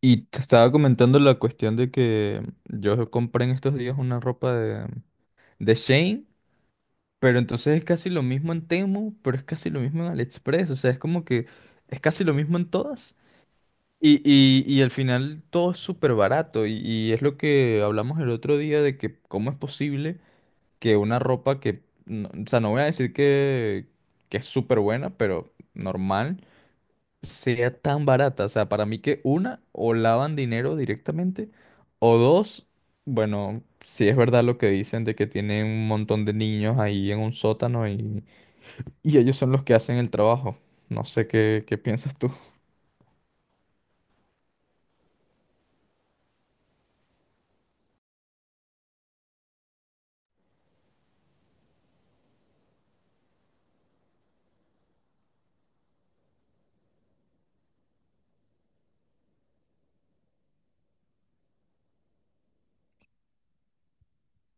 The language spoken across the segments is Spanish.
Y te estaba comentando la cuestión de que yo compré en estos días una ropa de Shein, pero entonces es casi lo mismo en Temu, pero es casi lo mismo en AliExpress, o sea, es como que es casi lo mismo en todas. Y al final todo es súper barato y es lo que hablamos el otro día de que cómo es posible que una ropa que, no- o sea, no voy a decir que es súper buena, pero normal sea tan barata. O sea, para mí que una, o lavan dinero directamente, o dos, bueno, si es verdad lo que dicen de que tienen un montón de niños ahí en un sótano y ellos son los que hacen el trabajo. No sé qué piensas tú.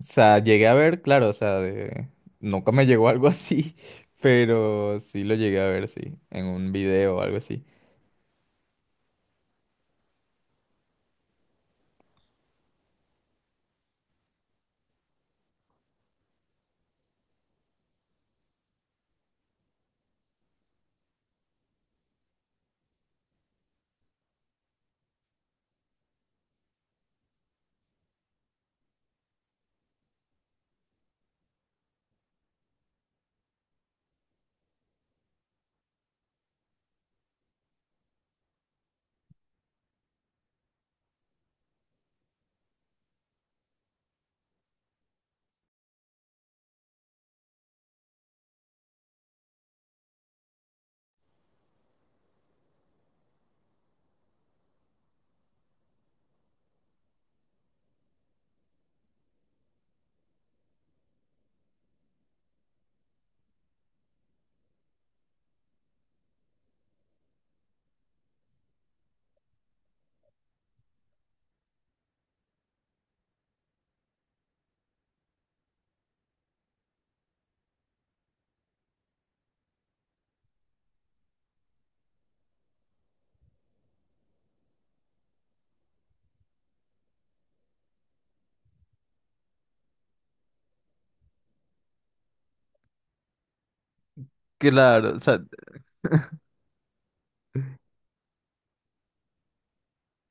O sea, llegué a ver, claro, o sea, nunca me llegó algo así, pero sí lo llegué a ver, sí, en un video o algo así. Claro, o sea,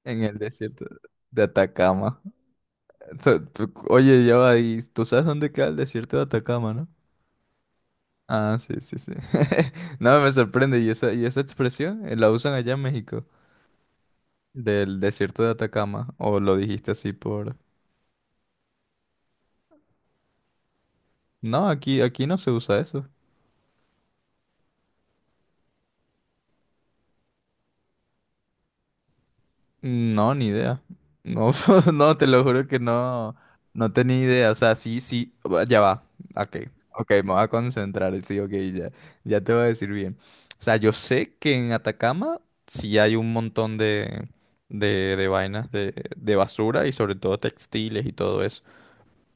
en el desierto de Atacama. Sea, oye, ya va, ¿y tú sabes dónde queda el desierto de Atacama? ¿No? Ah, sí, sí, sí. No, me sorprende. ¿Y esa expresión la usan allá en México? Del desierto de Atacama. ¿O lo dijiste así por...? No, aquí no se usa eso. No, ni idea. No, no, te lo juro que no, no tenía idea. O sea, sí, sí, ya va. Ok, ok, me voy a concentrar. Sí, ok, ya, ya te voy a decir bien. O sea, yo sé que en Atacama sí hay un montón de vainas de basura y sobre todo textiles y todo eso.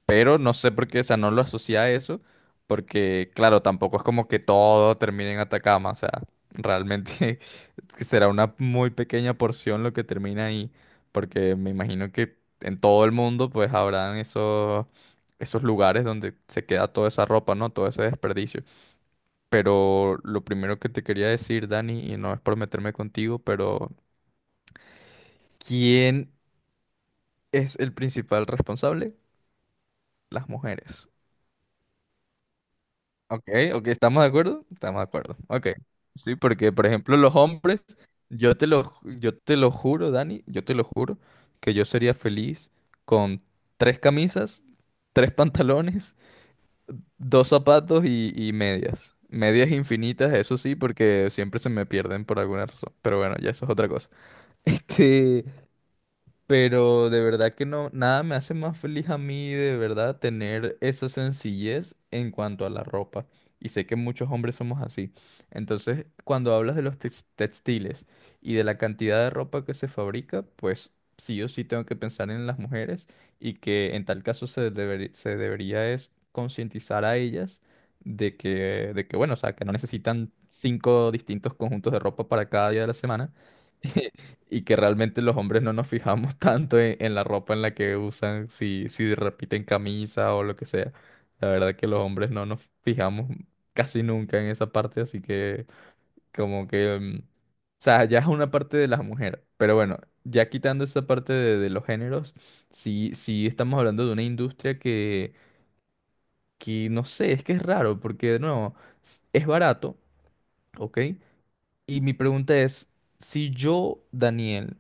Pero no sé por qué, o sea, no lo asocia a eso, porque claro, tampoco es como que todo termine en Atacama, o sea, realmente que será una muy pequeña porción lo que termina ahí, porque me imagino que en todo el mundo pues habrán esos lugares donde se queda toda esa ropa, ¿no? Todo ese desperdicio. Pero lo primero que te quería decir, Dani, y no es por meterme contigo, pero ¿quién es el principal responsable? Las mujeres. Ok, ok, ¿estamos de acuerdo? Estamos de acuerdo. Ok. Sí, porque por ejemplo los hombres, yo te lo juro, Dani, yo te lo juro, que yo sería feliz con tres camisas, tres pantalones, dos zapatos y medias. Medias infinitas, eso sí, porque siempre se me pierden por alguna razón. Pero bueno, ya eso es otra cosa. Este, pero de verdad que no, nada me hace más feliz a mí de verdad tener esa sencillez en cuanto a la ropa. Y sé que muchos hombres somos así. Entonces, cuando hablas de los textiles y de la cantidad de ropa que se fabrica, pues sí o sí tengo que pensar en las mujeres y que en tal caso se debería es concientizar a ellas de que, bueno, o sea, que no necesitan cinco distintos conjuntos de ropa para cada día de la semana. Y que realmente los hombres no nos fijamos tanto en la ropa en la que usan, si repiten camisa o lo que sea. La verdad que los hombres no nos fijamos casi nunca en esa parte, así que como que, o sea, ya es una parte de las mujeres. Pero bueno, ya quitando esa parte de los géneros, sí, sí estamos hablando de una industria que no sé, es que es raro, porque de nuevo, es barato, ¿ok? Y mi pregunta es, si yo, Daniel,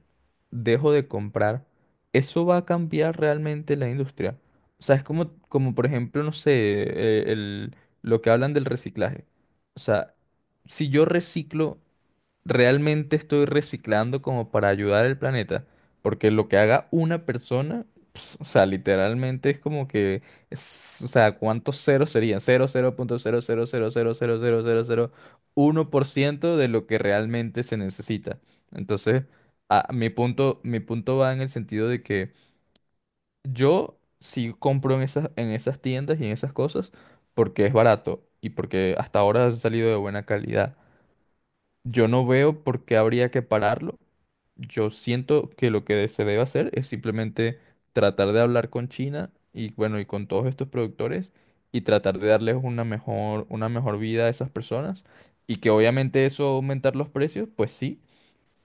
dejo de comprar, ¿eso va a cambiar realmente la industria? O sea, es como, como por ejemplo, no sé, lo que hablan del reciclaje. O sea, si yo reciclo realmente estoy reciclando como para ayudar al planeta, porque lo que haga una persona, ps, o sea, literalmente es como que, o sea, ¿cuántos ceros serían? Cero punto cero cero cero cero cero cero cero cero punto uno por ciento de lo que realmente se necesita. Entonces, mi punto va en el sentido de que yo sí compro en esas, tiendas y en esas cosas porque es barato y porque hasta ahora ha salido de buena calidad. Yo no veo por qué habría que pararlo. Yo siento que lo que se debe hacer es simplemente tratar de hablar con China y bueno, y con todos estos productores y tratar de darles una mejor vida a esas personas y que obviamente eso aumentar los precios, pues sí,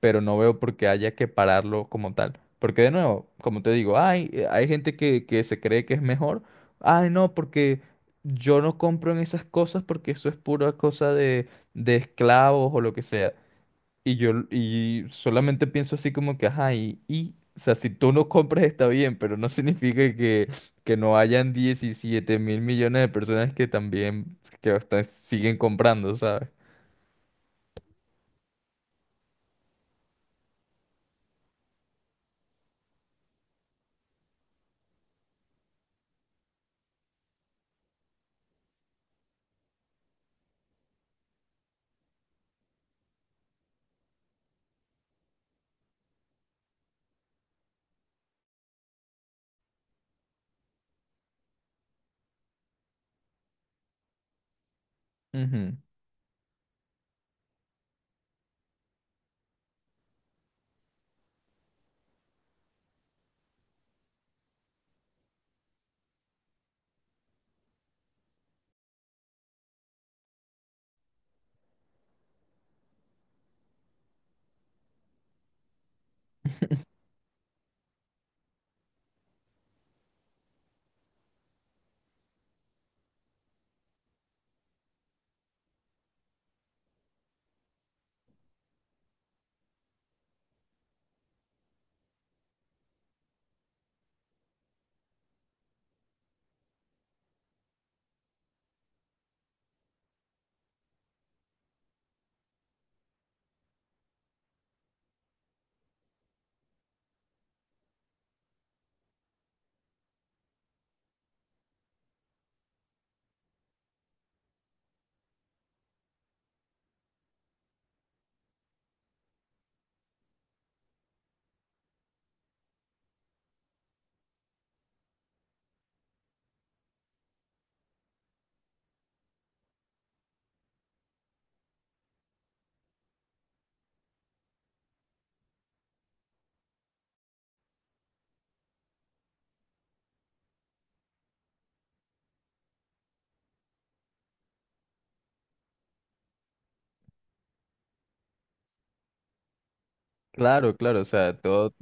pero no veo por qué haya que pararlo como tal. Porque de nuevo, como te digo, hay gente que se cree que es mejor. Ay, no, porque yo no compro en esas cosas porque eso es pura cosa de esclavos o lo que sea. Y yo solamente pienso así como que, ajá, o sea, si tú no compras está bien, pero no significa que no hayan 17 mil millones de personas que también que hasta siguen comprando, ¿sabes? Ujú. Claro, claro, o sea, todo.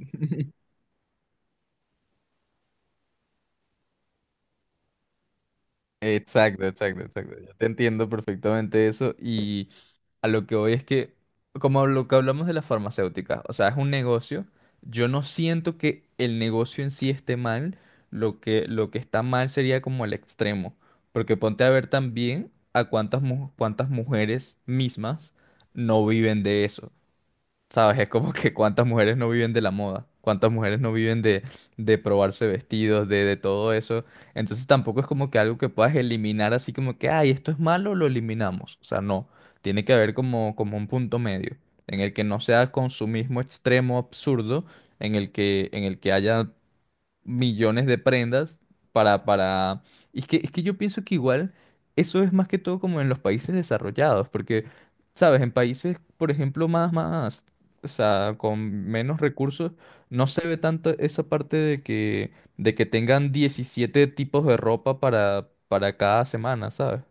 Exacto, exacto, exacto. Yo te entiendo perfectamente eso y a lo que voy es que, como lo que hablamos de las farmacéuticas, o sea, es un negocio, yo no siento que el negocio en sí esté mal, lo que está mal sería como el extremo, porque ponte a ver también a cuántas, cuántas mujeres mismas no viven de eso. ¿Sabes? Es como que cuántas mujeres no viven de la moda, cuántas mujeres no viven de probarse vestidos, de todo eso. Entonces tampoco es como que algo que puedas eliminar así como que, ay, esto es malo, lo eliminamos. O sea, no. Tiene que haber como un punto medio, en el que no sea consumismo extremo, absurdo, en el que haya millones de prendas para, Y es que yo pienso que igual eso es más que todo como en los países desarrollados, porque, sabes, en países, por ejemplo, o sea, con menos recursos, no se ve tanto esa parte de que, tengan 17 tipos de ropa para, cada semana, ¿sabes?